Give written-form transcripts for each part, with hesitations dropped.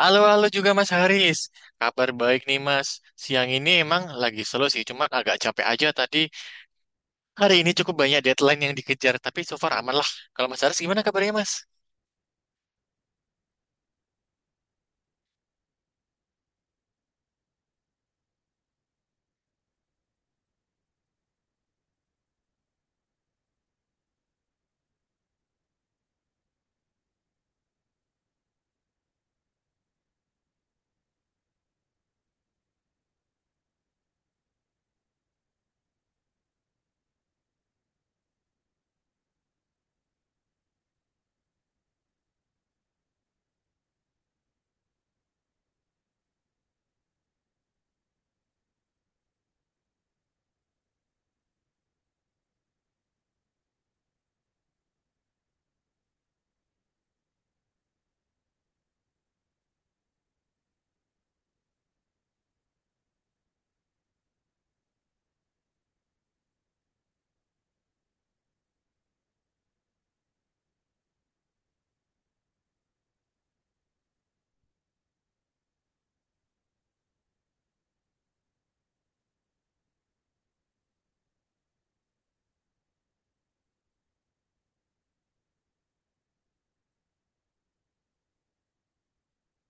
Halo, halo juga Mas Haris. Kabar baik nih Mas. Siang ini emang lagi slow sih, cuma agak capek aja tadi. Hari ini cukup banyak deadline yang dikejar, tapi so far aman lah. Kalau Mas Haris gimana kabarnya Mas?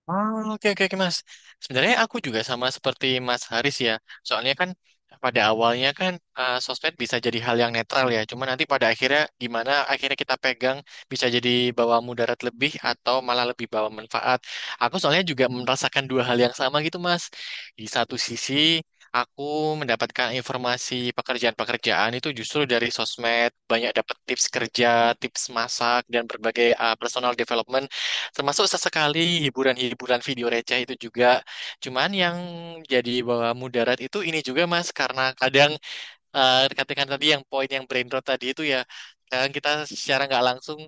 Oke oke oke, Mas. Sebenarnya aku juga sama seperti Mas Haris ya. Soalnya kan pada awalnya kan sosmed bisa jadi hal yang netral ya. Cuma nanti pada akhirnya gimana akhirnya kita pegang bisa jadi bawa mudarat lebih atau malah lebih bawa manfaat. Aku soalnya juga merasakan dua hal yang sama gitu, Mas. Di satu sisi aku mendapatkan informasi pekerjaan-pekerjaan itu justru dari sosmed, banyak dapat tips kerja, tips masak, dan berbagai personal development. Termasuk sesekali hiburan-hiburan video receh itu juga. Cuman yang jadi bawah mudarat itu ini juga Mas, karena kadang katakan tadi yang poin yang brain rot tadi itu ya, kadang kita secara nggak langsung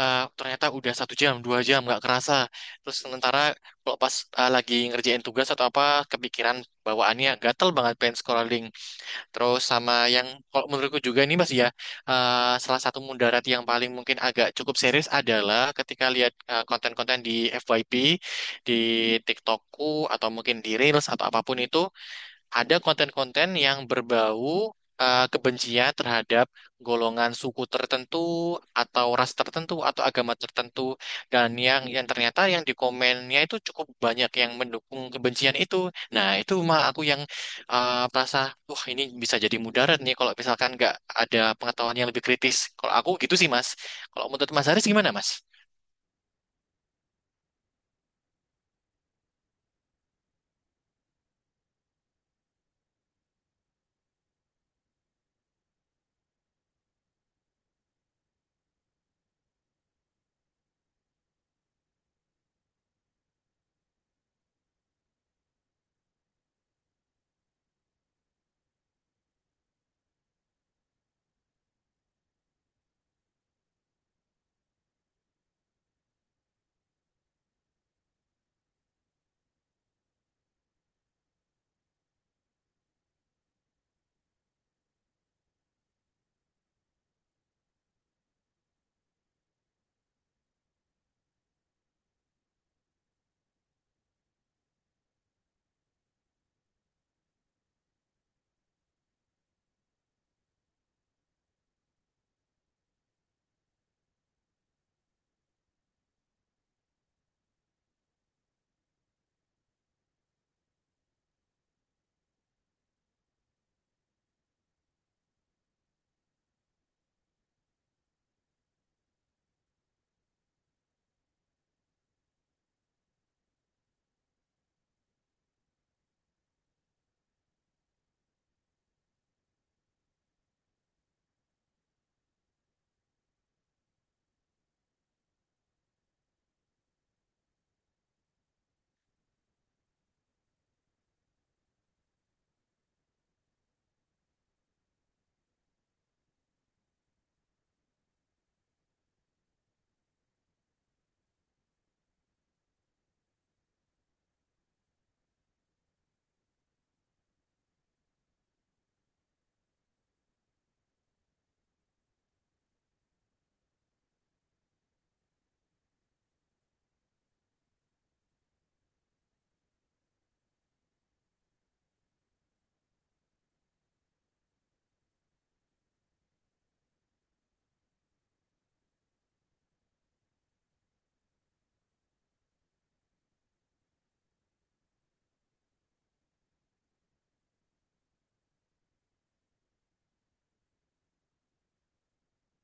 ternyata udah satu jam, dua jam nggak kerasa. Terus sementara kalau pas lagi ngerjain tugas atau apa, kepikiran bawaannya gatel banget pengen scrolling. Terus sama yang kalau menurutku juga ini Mas ya, salah satu mudarat yang paling mungkin agak cukup serius adalah ketika lihat konten-konten di FYP, di TikTokku atau mungkin di Reels atau apapun itu ada konten-konten yang berbau kebencian terhadap golongan suku tertentu atau ras tertentu atau agama tertentu dan yang ternyata yang di komennya itu cukup banyak yang mendukung kebencian itu. Nah, itu mah aku yang merasa wah ini bisa jadi mudarat nih kalau misalkan nggak ada pengetahuan yang lebih kritis. Kalau aku gitu sih, Mas. Kalau menurut Mas Haris gimana, Mas?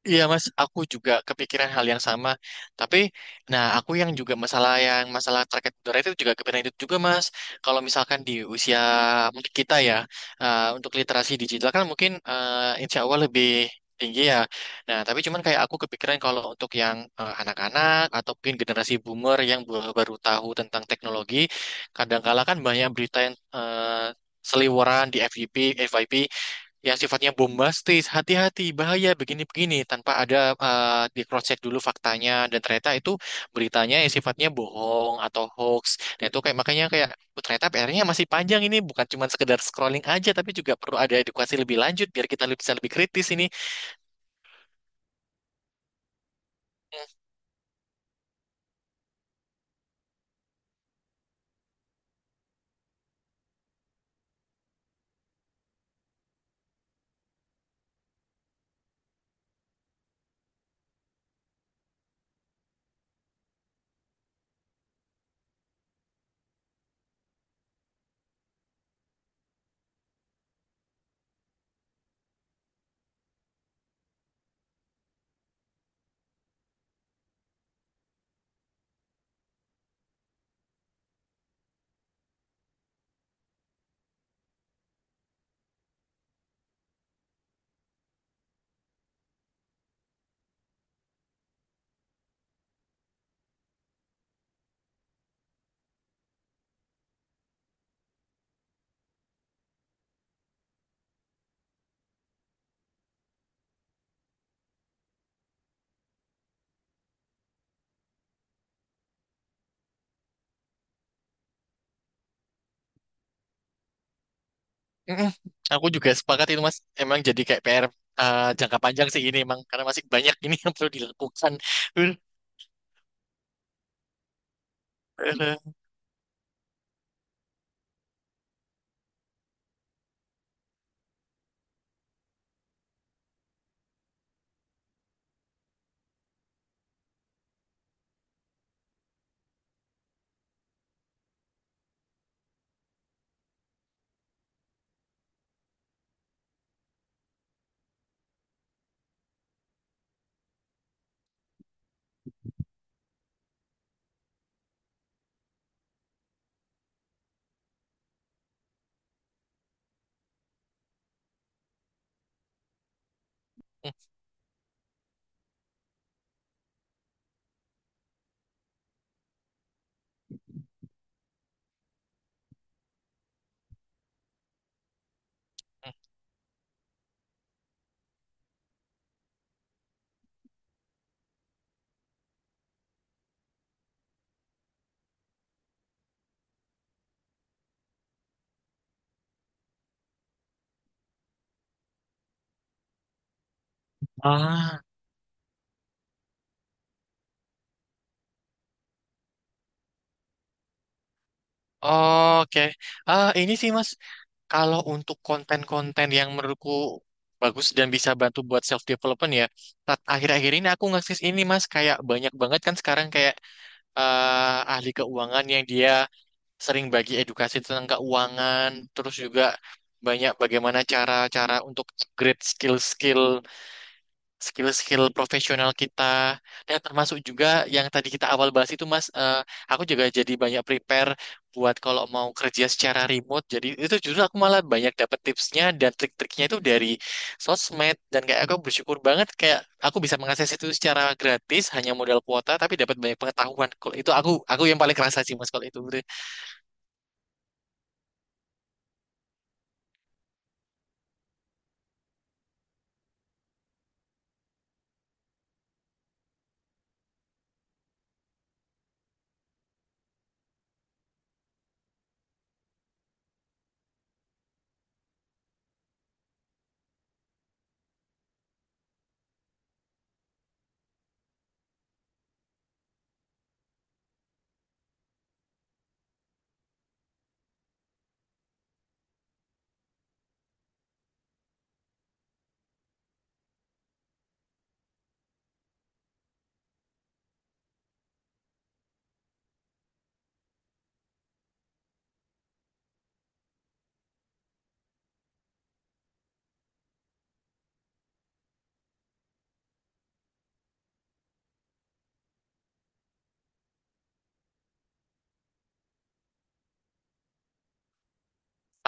Iya mas, aku juga kepikiran hal yang sama. Tapi, nah aku yang juga masalah yang terkait udara itu juga kepikiran itu juga mas. Kalau misalkan di usia mungkin kita ya, untuk literasi digital kan mungkin insya Allah lebih tinggi ya. Nah tapi cuman kayak aku kepikiran kalau untuk yang anak-anak atau mungkin generasi boomer yang baru baru tahu tentang teknologi, kadang-kala kan banyak berita yang seliweran di FYP yang sifatnya bombastis, hati-hati, bahaya, begini-begini, tanpa ada di cross check dulu faktanya dan ternyata itu beritanya yang sifatnya bohong atau hoax. Nah, itu kayak makanya kayak, "Oh, ternyata PR-nya masih panjang ini, bukan cuma sekedar scrolling aja tapi juga perlu ada edukasi lebih lanjut biar kita bisa lebih kritis ini." Mm-mm. Aku juga sepakat itu Mas, emang jadi kayak PR jangka panjang sih ini emang karena masih banyak ini yang perlu dilakukan. Uh, uh, uh, uh. Ah. Oke, ah ini sih Mas, kalau untuk konten-konten yang menurutku bagus dan bisa bantu buat self development ya. Akhir-akhir ini aku ngakses ini Mas, kayak banyak banget kan sekarang kayak ahli keuangan yang dia sering bagi edukasi tentang keuangan, terus juga banyak bagaimana cara-cara untuk upgrade skill-skill profesional kita dan termasuk juga yang tadi kita awal bahas itu Mas, aku juga jadi banyak prepare buat kalau mau kerja secara remote, jadi itu justru aku malah banyak dapet tipsnya dan trik-triknya itu dari sosmed, dan kayak aku bersyukur banget kayak aku bisa mengakses itu secara gratis hanya modal kuota tapi dapat banyak pengetahuan. Kalau itu aku yang paling kerasa sih Mas kalau itu.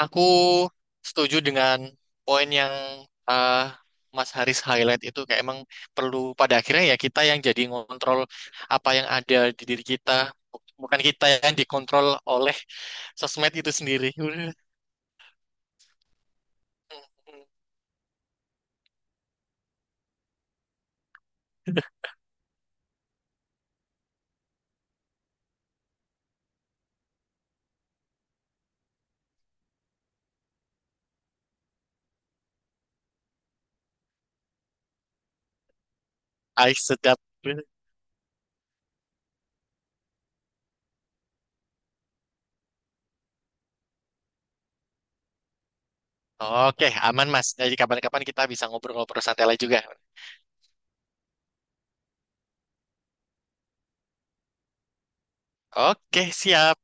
Aku setuju dengan poin yang eh, Mas Haris highlight itu, kayak emang perlu pada akhirnya ya kita yang jadi ngontrol apa yang ada di diri kita, bukan kita yang dikontrol oleh sosmed itu sendiri. Ay, sedap. Oke, aman Mas. Jadi kapan-kapan kita bisa ngobrol-ngobrol santai lagi juga. Oke, siap.